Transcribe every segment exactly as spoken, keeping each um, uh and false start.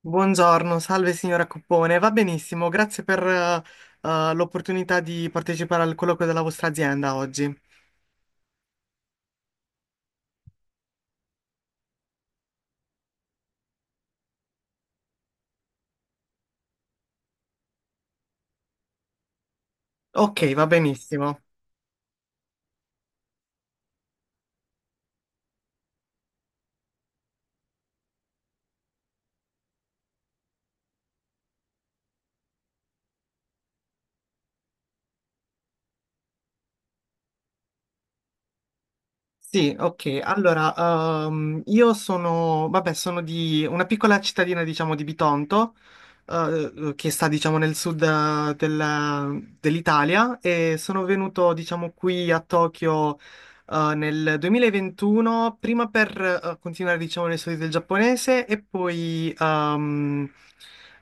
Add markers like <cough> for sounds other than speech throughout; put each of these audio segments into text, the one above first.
Buongiorno, salve signora Coppone, va benissimo, grazie per eh, eh, l'opportunità di partecipare al colloquio della vostra azienda oggi. Ok, va benissimo. Sì, ok. Allora, ehm, io sono, vabbè, sono di una piccola cittadina, diciamo, di Bitonto, eh, eh, che sta, diciamo, nel sud eh, della- dell'Italia e sono venuto, diciamo, qui a Tokyo, eh, nel duemilaventuno, prima per, eh, continuare, diciamo, le studi del giapponese e poi, ehm,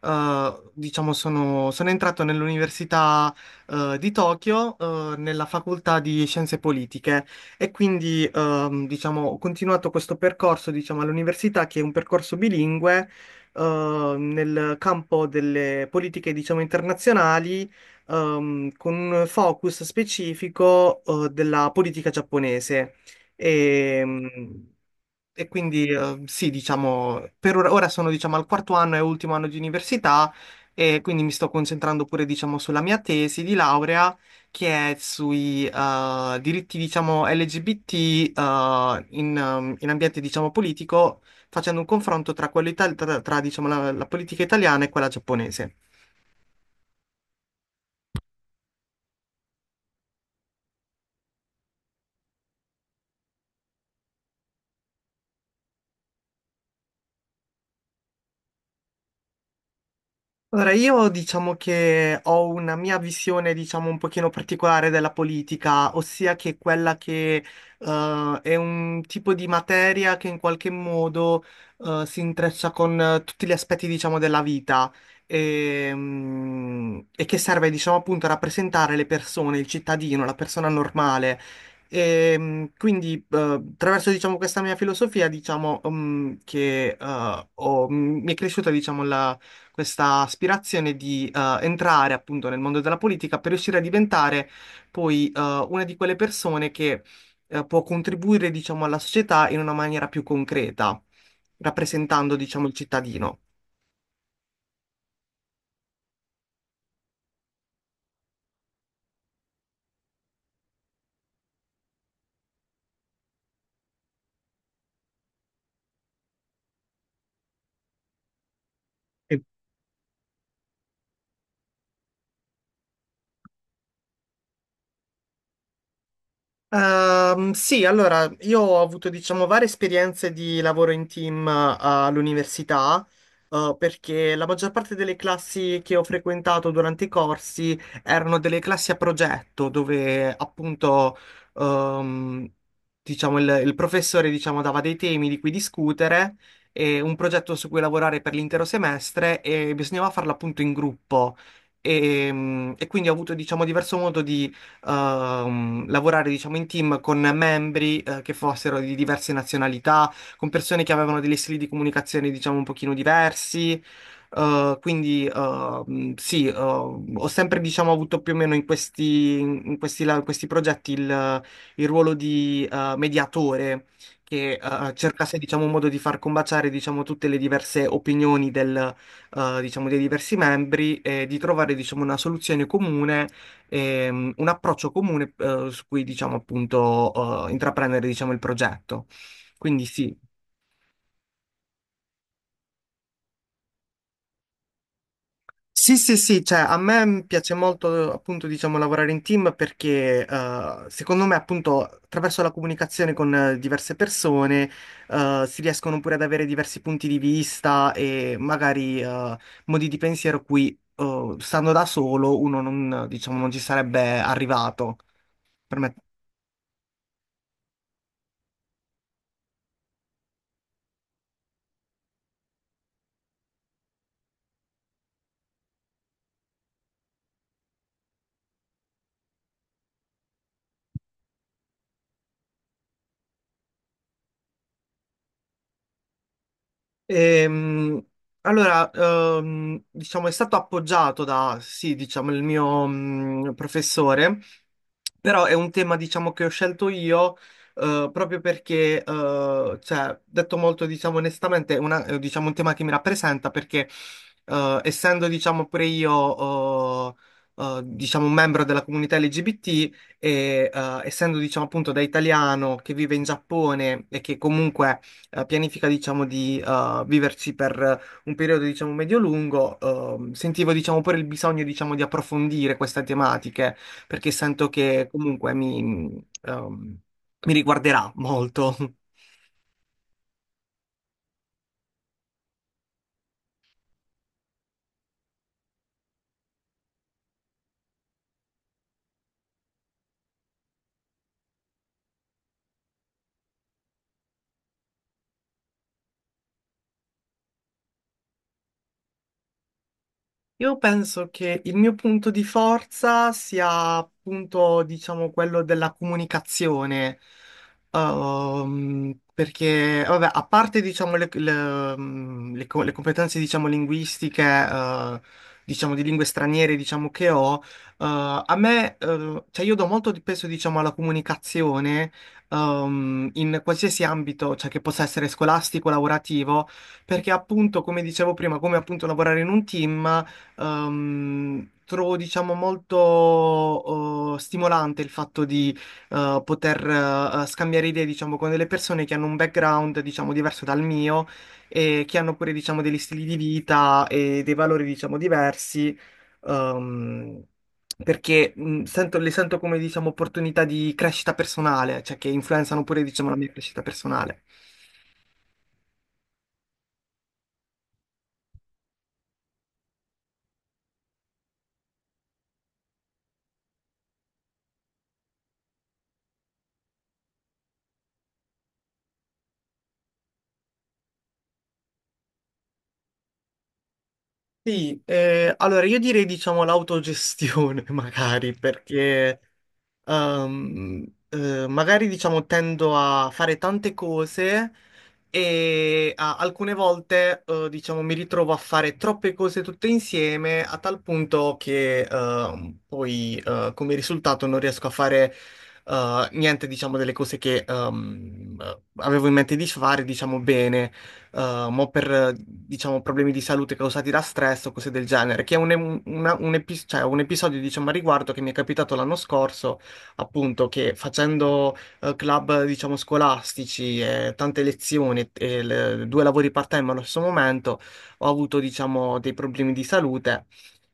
eh, diciamo, sono, sono entrato nell'università, eh, di Tokyo, eh, nella facoltà di scienze politiche. E quindi, ehm, diciamo, ho continuato questo percorso, diciamo, all'università, che è un percorso bilingue, eh, nel campo delle politiche, diciamo, internazionali, ehm, con un focus specifico, eh, della politica giapponese. E, e quindi eh, sì, diciamo, per ora, ora sono diciamo al quarto anno e ultimo anno di università e quindi mi sto concentrando pure diciamo sulla mia tesi di laurea che è sui eh, diritti diciamo L G B T eh, in, ehm, in ambiente diciamo politico facendo un confronto tra, quello ital- tra, tra, diciamo, la la politica italiana e quella giapponese. Allora, io diciamo che ho una mia visione, diciamo, un pochino particolare della politica, ossia che quella che eh, è un tipo di materia che in qualche modo eh, si intreccia con eh, tutti gli aspetti, diciamo, della vita e, mm, e che serve, diciamo, appunto a rappresentare le persone, il cittadino, la persona normale. E, mm, quindi, eh, attraverso, diciamo, questa mia filosofia, diciamo, mm, che eh, ho- mi è cresciuta, diciamo, questa aspirazione di eh, entrare appunto nel mondo della politica per riuscire a diventare poi eh, una di quelle persone che eh, può contribuire, diciamo, alla società in una maniera più concreta, rappresentando, diciamo, il cittadino. Ehm, sì, allora io ho avuto diciamo varie esperienze di lavoro in team eh, all'università, eh, perché la maggior parte delle classi che ho frequentato durante i corsi erano delle classi a progetto, dove appunto ehm, diciamo, il, il professore diciamo, dava dei temi di cui discutere e un progetto su cui lavorare per l'intero semestre e bisognava farlo appunto in gruppo. E, e quindi ho avuto diciamo diverso modo di ehm, lavorare, diciamo, in team con membri, eh, che fossero di diverse nazionalità, con persone che avevano degli stili di comunicazione, diciamo, un pochino diversi. Eh, quindi ehm, sì, eh, ho sempre diciamo, avuto più o meno in questi, in questi, la- in questi progetti il, il ruolo di eh, mediatore che eh, cercasse diciamo, un modo di far combaciare diciamo, tutte le diverse opinioni del, eh, diciamo, dei diversi membri e di trovare diciamo, una soluzione comune ehm, un approccio comune eh, su cui, diciamo, appunto, eh, intraprendere, diciamo, il progetto. Quindi sì. Sì, sì, sì, cioè a me m, piace molto appunto diciamo lavorare in team perché eh, secondo me appunto attraverso la comunicazione con eh, diverse persone eh, si riescono pure ad avere diversi punti di vista e magari eh, modi di pensiero cui eh, stando da solo uno non, diciamo, non ci sarebbe arrivato. Per me. Ehm, allora, ehm, diciamo, è stato appoggiato da, sì, diciamo, il mio mh, professore, però è un tema, diciamo, che ho scelto io eh, proprio perché, eh, cioè, detto molto, diciamo, onestamente, è una- è, diciamo, un tema che mi rappresenta perché, eh, essendo, diciamo, pure io, eh, eh, diciamo, un membro della comunità L G B T, e eh, essendo diciamo appunto da italiano che vive in Giappone e che comunque eh, pianifica, diciamo, di eh, viverci per un periodo, diciamo, medio-lungo, ehm, sentivo, diciamo, pure il bisogno, diciamo, di approfondire queste tematiche, perché sento che comunque mi, mm, ehm, mi riguarderà molto. <laughs> Io penso che il mio punto di forza sia appunto, diciamo, quello della comunicazione. Ehm, perché, vabbè, a parte, diciamo, le, le- mm, le co- le competenze, diciamo, linguistiche, eh, diciamo, di lingue straniere, diciamo, che ho, eh, a me, eh, cioè, io do molto di peso, diciamo, alla comunicazione, ehm, in qualsiasi ambito, cioè, che possa essere scolastico, lavorativo, perché appunto, come dicevo prima, come appunto lavorare in un team, Ehm, trovo, diciamo, molto eh, stimolante il fatto di eh, poter eh, scambiare idee, diciamo, con delle persone che hanno un background, diciamo, diverso dal mio e che hanno pure, diciamo, degli stili di vita e dei valori, diciamo, diversi. ehm, Perché mh, sento- le sento come, diciamo, opportunità di crescita personale, cioè che influenzano pure, diciamo, la mia crescita personale. Sì, eh, allora io direi diciamo l'autogestione <laughs> magari perché Ehm, eh, magari diciamo tendo a fare tante cose e a- alcune volte eh, diciamo mi ritrovo a fare troppe cose tutte insieme a tal punto che ehm, poi eh, come risultato non riesco a fare eh, niente diciamo delle cose che ehm, eh, avevo in mente di fare diciamo bene eh, mo per eh, diciamo problemi di salute causati da stress o cose del genere che è un, una- un epis- cioè, un episodio diciamo a riguardo che mi è capitato l'anno scorso appunto che facendo eh, club, diciamo, scolastici e tante lezioni e le- due lavori part-time allo stesso momento, ho avuto, diciamo, dei problemi di salute.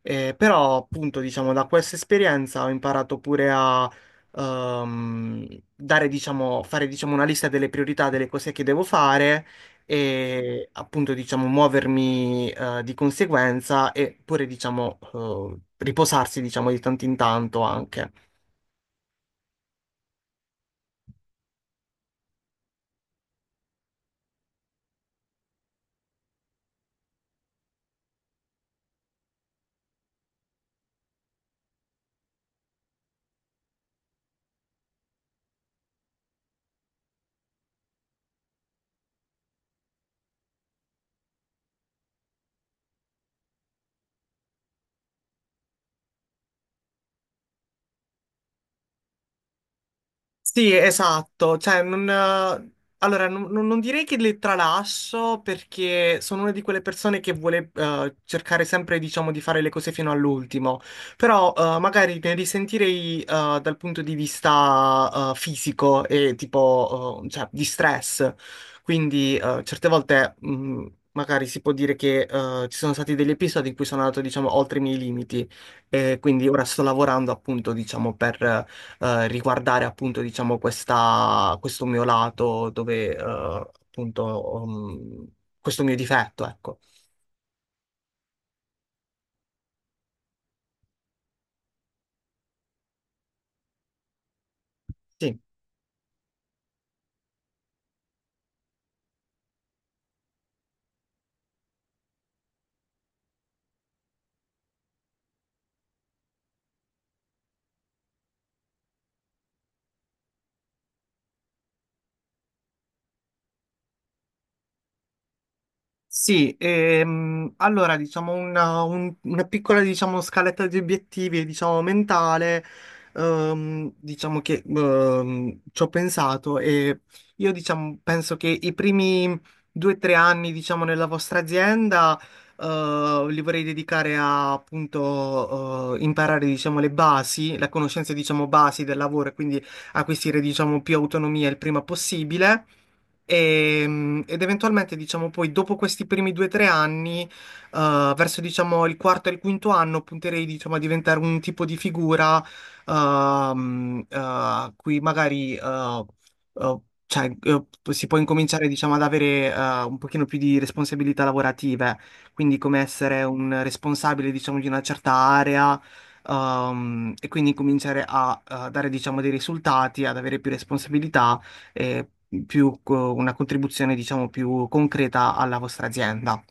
Eh, però, appunto, diciamo, da questa esperienza ho imparato pure a ehm, dare, diciamo, fare, diciamo, una lista delle priorità delle cose che devo fare e appunto diciamo muovermi eh, di conseguenza e pure diciamo eh, riposarsi diciamo di tanto in tanto anche. Sì, esatto, cioè non, eh, allora, non, non- non direi che le tralasso perché sono una di quelle persone che vuole eh, cercare sempre, diciamo, di fare le cose fino all'ultimo, però eh, magari ne risentirei eh, dal punto di vista eh, fisico e tipo, eh, cioè, di stress, quindi eh, certe volte mh, magari si può dire che eh, ci sono stati degli episodi in cui sono andato, diciamo, oltre i miei limiti e quindi ora sto lavorando appunto, diciamo, per eh, riguardare appunto, diciamo, questa, questo mio lato dove, eh, appunto, um, questo mio difetto, ecco. Sì. Sì, ehm, allora diciamo una, un- una piccola diciamo, scaletta di obiettivi diciamo, mentale, ehm, diciamo che ehm, ci ho pensato e io diciamo, penso che i primi due o tre anni diciamo, nella vostra azienda eh, li vorrei dedicare a appunto eh, imparare diciamo, le basi, la conoscenza diciamo, basi del lavoro e quindi acquisire diciamo, più autonomia il prima possibile. E- ed eventualmente, diciamo, poi dopo questi primi due o tre anni, eh, verso, diciamo, il quarto e il quinto anno, punterei, diciamo, a diventare un tipo di figura ehm, eh, a cui magari eh, eh, cioè, eh, si può incominciare, diciamo, ad avere eh, un pochino più di responsabilità lavorative, quindi come essere un responsabile, diciamo, di una certa area. Ehm, e quindi cominciare a, eh, dare, diciamo, dei risultati, ad avere più responsabilità eh, più, co- una contribuzione, diciamo, più concreta alla vostra azienda.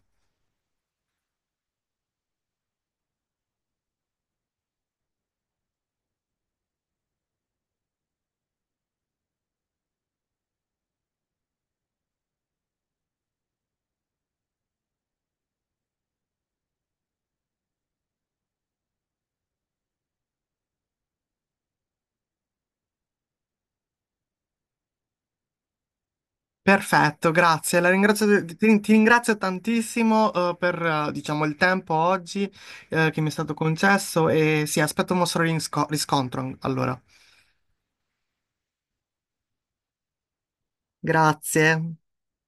Perfetto, grazie. La ringrazio- ti, ti ringrazio tantissimo, eh, per, eh, diciamo, il tempo oggi, eh, che mi è stato concesso e sì, aspetto un vostro rinsco- riscontro. Allora, grazie.